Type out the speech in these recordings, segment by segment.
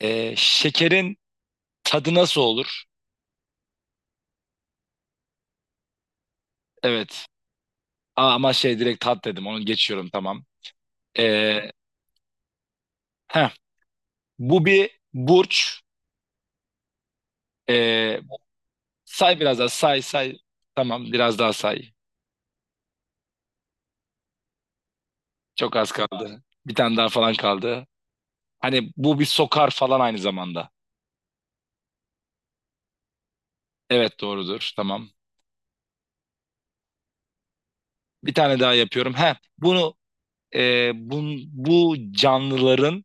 Şekerin tadı nasıl olur? Evet. Aa, ama şey direkt tat dedim. Onu geçiyorum, tamam. Ee, heh. Bu bir burç. Ee, Say, biraz daha say say. Tamam, biraz daha say. Çok az kaldı. Bir tane daha falan kaldı. Hani bu bir sokar falan aynı zamanda. Evet, doğrudur, tamam. Bir tane daha yapıyorum. Heh. Bunu, e, bu canlıların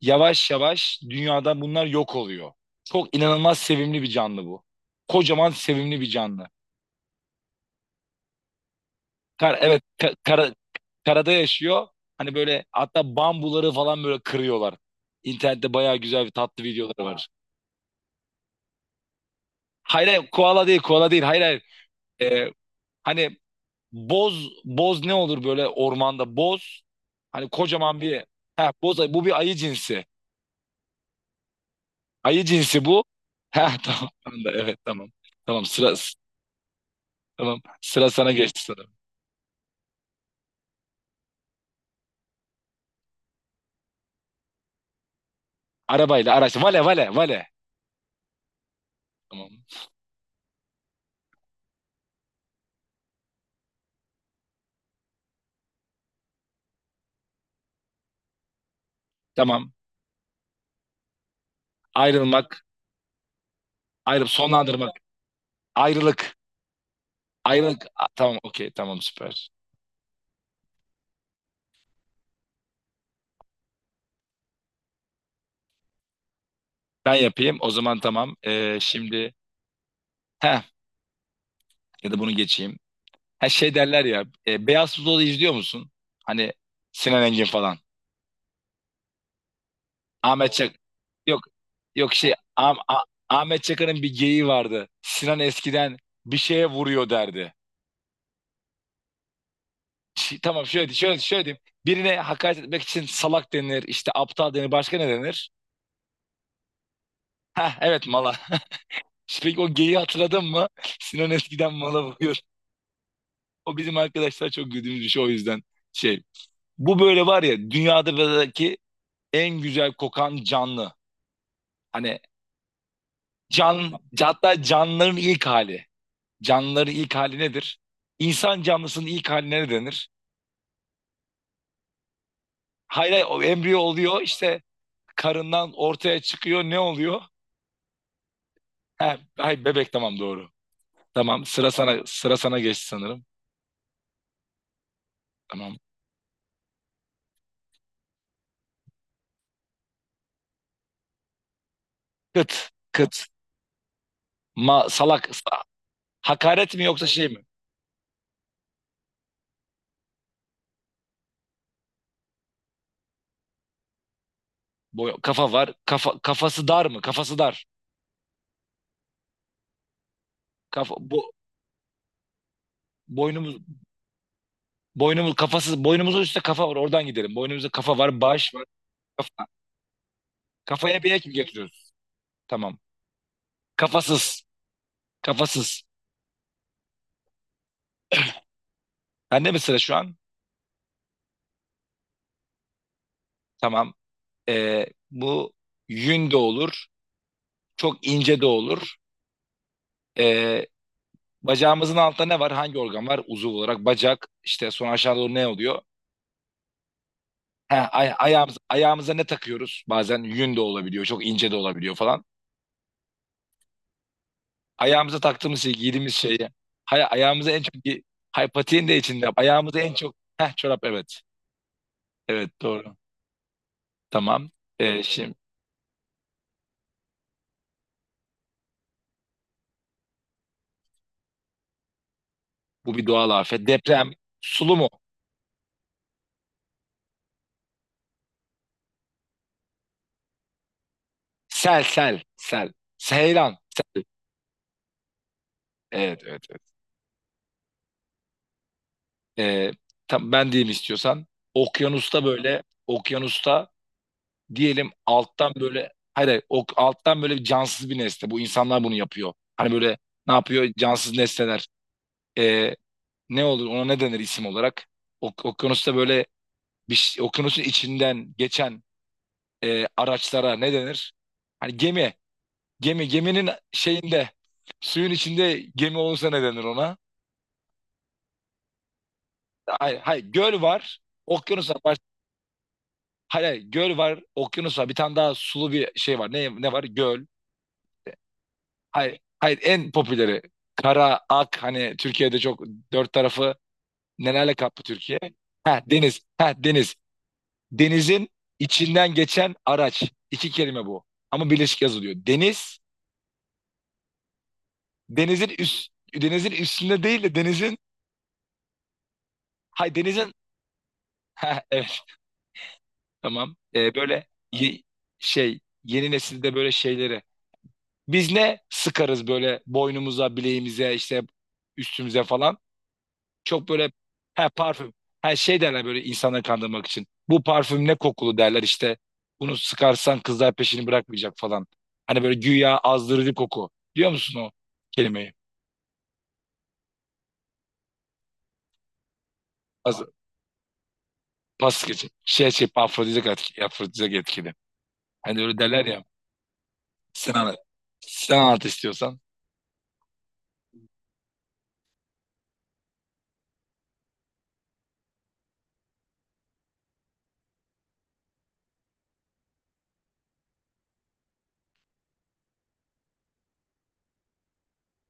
yavaş yavaş dünyada bunlar yok oluyor. Çok inanılmaz sevimli bir canlı bu. Kocaman sevimli bir canlı. Kar, evet, kara- karada yaşıyor. Hani böyle, hatta bambuları falan böyle kırıyorlar. İnternette bayağı güzel bir tatlı videoları var. Hayır hayır, koala değil, koala değil. Hayır hayır. Ee, Hani boz ne olur böyle ormanda, boz. Hani kocaman bir, ha, boz ayı. Bu bir ayı cinsi. Ayı cinsi bu. Ha tamam. Tamam da, evet tamam. Tamam sıra Tamam. Sıra sana geçti sanırım. Arabayla, araç. Vale vale vale. Tamam. Tamam. Ayrılmak. Ayrılıp sonlandırmak. Ayrılık. Ayrılık. A- tamam, okey, tamam, süper. Ben yapayım o zaman, tamam. Heh, ya da bunu geçeyim. Her şey derler ya. Beyaz Futbolu izliyor musun? Hani Sinan Engin falan. Ahmet Çak. Yok. Yok, şey, Ahmet Çakar'ın bir geyiği vardı. Sinan eskiden bir şeye vuruyor derdi. Şi- tamam, şöyle diyeyim. Birine hakaret etmek için salak denir, işte aptal denir, başka ne denir? Heh, evet, mala. Peki o geyiği hatırladın mı? Sinan eskiden mala vuruyor. O bizim arkadaşlar çok güldüğümüz bir şey, o yüzden şey. Bu böyle, var ya, dünyadaki en güzel kokan canlı. Hani can, hatta canlıların ilk hali. Canlıların ilk hali nedir? İnsan canlısının ilk haline ne denir? Hayır, hayır, o embriyo oluyor işte, karından ortaya çıkıyor, ne oluyor? Ha, ay, bebek, tamam, doğru. Sıra sana geçti sanırım. Tamam. Kıt ma salak sa- hakaret mi yoksa şey mi? Boy, kafa var. Kafa, kafası dar mı? Kafası dar. Kafa bu, boynumuz boynumuzun üstte kafa var. Oradan gidelim. Boynumuzda kafa var, baş var. Kafa. Kafaya bir ek mi getiriyoruz? Tamam. Kafasız. Kafasız. Bende mi sıra şu an? Tamam. Bu yün de olur. Çok ince de olur. Ee, Bacağımızın altında ne var? Hangi organ var? Uzuv olarak bacak. İşte sonra aşağı doğru ne oluyor? He, ay- ayağımız, ayağımıza ne takıyoruz? Bazen yün de olabiliyor. Çok ince de olabiliyor falan. Ayağımıza taktığımız şey, giydiğimiz şeyi. Hay, ayağımıza en çok... Hay, patiğin de içinde. Ayağımıza en çok... Heh, çorap, evet. Evet, doğru. Tamam. Şimdi bu bir doğal afet. Deprem. Sulu mu? Sel, sel, sel. Seyran. Sel. Evet, evet, evet. Ee, Tam ben diyeyim istiyorsan. Okyanusta böyle, okyanusta diyelim alttan böyle, hayır, hayır, o alttan böyle cansız bir nesne. Bu insanlar bunu yapıyor. Hani böyle ne yapıyor? Cansız nesneler. Ee, Ne olur, ona ne denir isim olarak? Ok Okyanusta böyle bir şey- okyanusun içinden geçen araçlara ne denir? Hani gemi. Gemi, geminin şeyinde, suyun içinde gemi olursa ne denir ona? Hayır, hayır, göl var. Okyanus var. Baş- hayır, hayır, göl var. Okyanus var. Bir tane daha sulu bir şey var. Ne, ne var? Göl. Hayır, hayır, en popüleri. Kara, ak, hani Türkiye'de çok, dört tarafı nelerle kaplı Türkiye? Ha deniz, ha deniz. Denizin içinden geçen araç. İki kelime bu. Ama birleşik yazılıyor. Deniz, denizin üst, denizin üstünde değil de denizin, hay, denizin, ha, evet, tamam. Böyle ye- şey, yeni nesilde böyle şeyleri. Biz ne sıkarız böyle boynumuza, bileğimize, işte üstümüze falan. Çok böyle, her parfüm. Her şey derler böyle insanları kandırmak için. Bu parfüm ne kokulu derler işte. Bunu sıkarsan kızlar peşini bırakmayacak falan. Hani böyle güya azdırıcı koku. Diyor musun o kelimeyi? Az, pas geçin. Şey şey, afrodizyak etkili. Afrodizyak etkili. Hani öyle derler ya. Sen anlat. Sen anlat istiyorsan.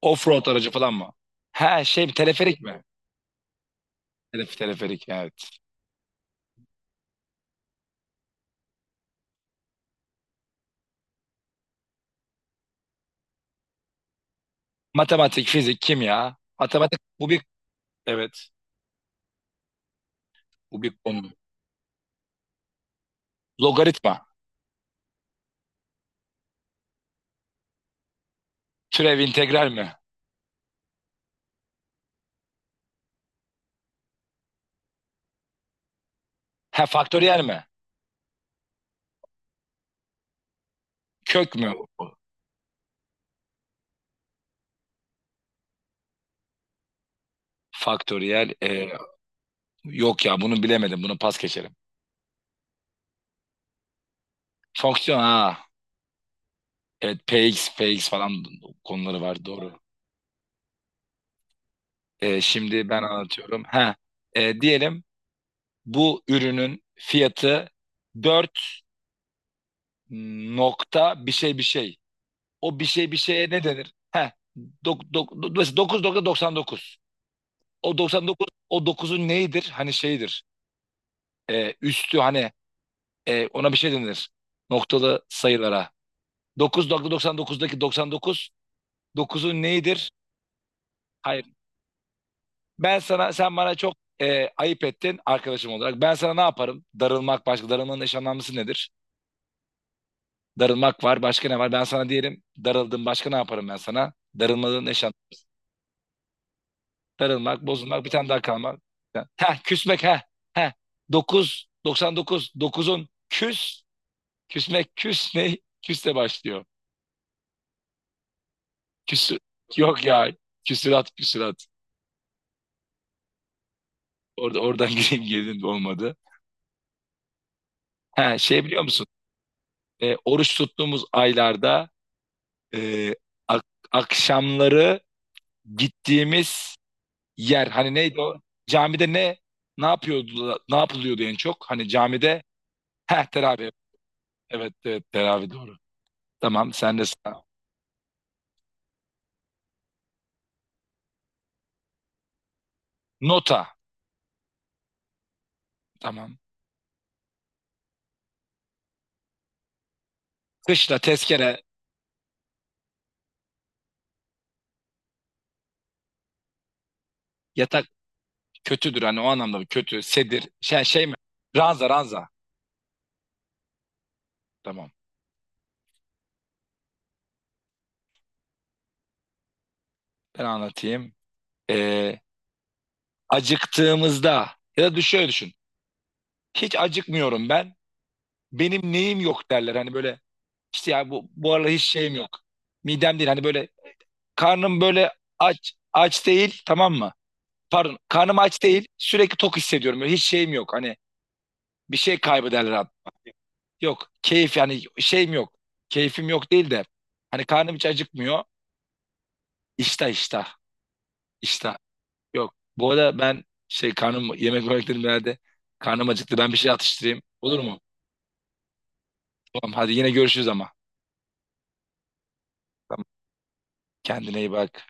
Offroad aracı falan mı? He şey mi, teleferik mi? Telef, teleferik, evet. Matematik, fizik, kimya. Matematik, bu bir, evet. Bu bir konu. Logaritma. Türev integral mi? He, faktöriyel mi? Kök mü? Faktöriyel, yok ya, bunu bilemedim. Bunu pas geçerim. Fonksiyon, ha. Evet, px, px falan konuları var, doğru. Şimdi ben anlatıyorum. Ha, diyelim bu ürünün fiyatı 4 nokta bir şey bir şey. O bir şey bir şeye ne denir? Heh, do- mesela dokuz nokta doksan dokuz. O doksan dokuz, o dokuzun neyidir? Hani şeydir. Üstü, hani, ona bir şey denir. Noktalı sayılara. Dokuz nokta doksan dokuzdaki doksan dokuz, dokuzun neyidir? Hayır. Ben sana, sen bana çok ayıp ettin arkadaşım olarak. Ben sana ne yaparım? Darılmak başka. Darılmanın eş anlamlısı nedir? Darılmak var. Başka ne var? Ben sana diyelim darıldım. Başka ne yaparım ben sana? Darılmanın eş, darılmak, bozulmak, bir tane daha kalmak. Ha, küsmek, ha. Dokuz doksan dokuz, dokuzun küs, küsmek, küs ne? Küsle başlıyor. Küsü, yok ya. Küsürat, küsürat. Oradan gireyim, girdin olmadı. He, şey biliyor musun? Oruç tuttuğumuz aylarda, e, ak- akşamları gittiğimiz yer, hani neydi o? Camide ne, ne yapıyordu, ne yapılıyordu en çok? Hani camide, ha, teravih. Evet, evet, teravih, doğru. Tamam, sen de sağ. Nota. Tamam. Kışla, tezkere, yatak kötüdür, hani o anlamda kötü. Sedir. Şey, şey mi? Ranza, ranza. Tamam. Ben anlatayım. Ee, Acıktığımızda ya da düş- şöyle düşün. Hiç acıkmıyorum ben. Benim neyim yok derler. Hani böyle işte, ya bu, bu aralar hiç şeyim yok. Midem değil. Hani böyle karnım böyle aç, aç değil, tamam mı? Pardon, karnım aç değil. Sürekli tok hissediyorum. Böyle hiç şeyim yok. Hani bir şey kaybederler hatta. Yok keyif, yani şeyim yok. Keyfim yok değil de hani karnım hiç acıkmıyor. İştah iştah. Yok. Bu arada ben şey, karnım yemek yemeklerim herhalde. Karnım acıktı. Ben bir şey atıştırayım. Olur mu? Tamam, hadi yine görüşürüz ama. Tamam. Kendine iyi bak.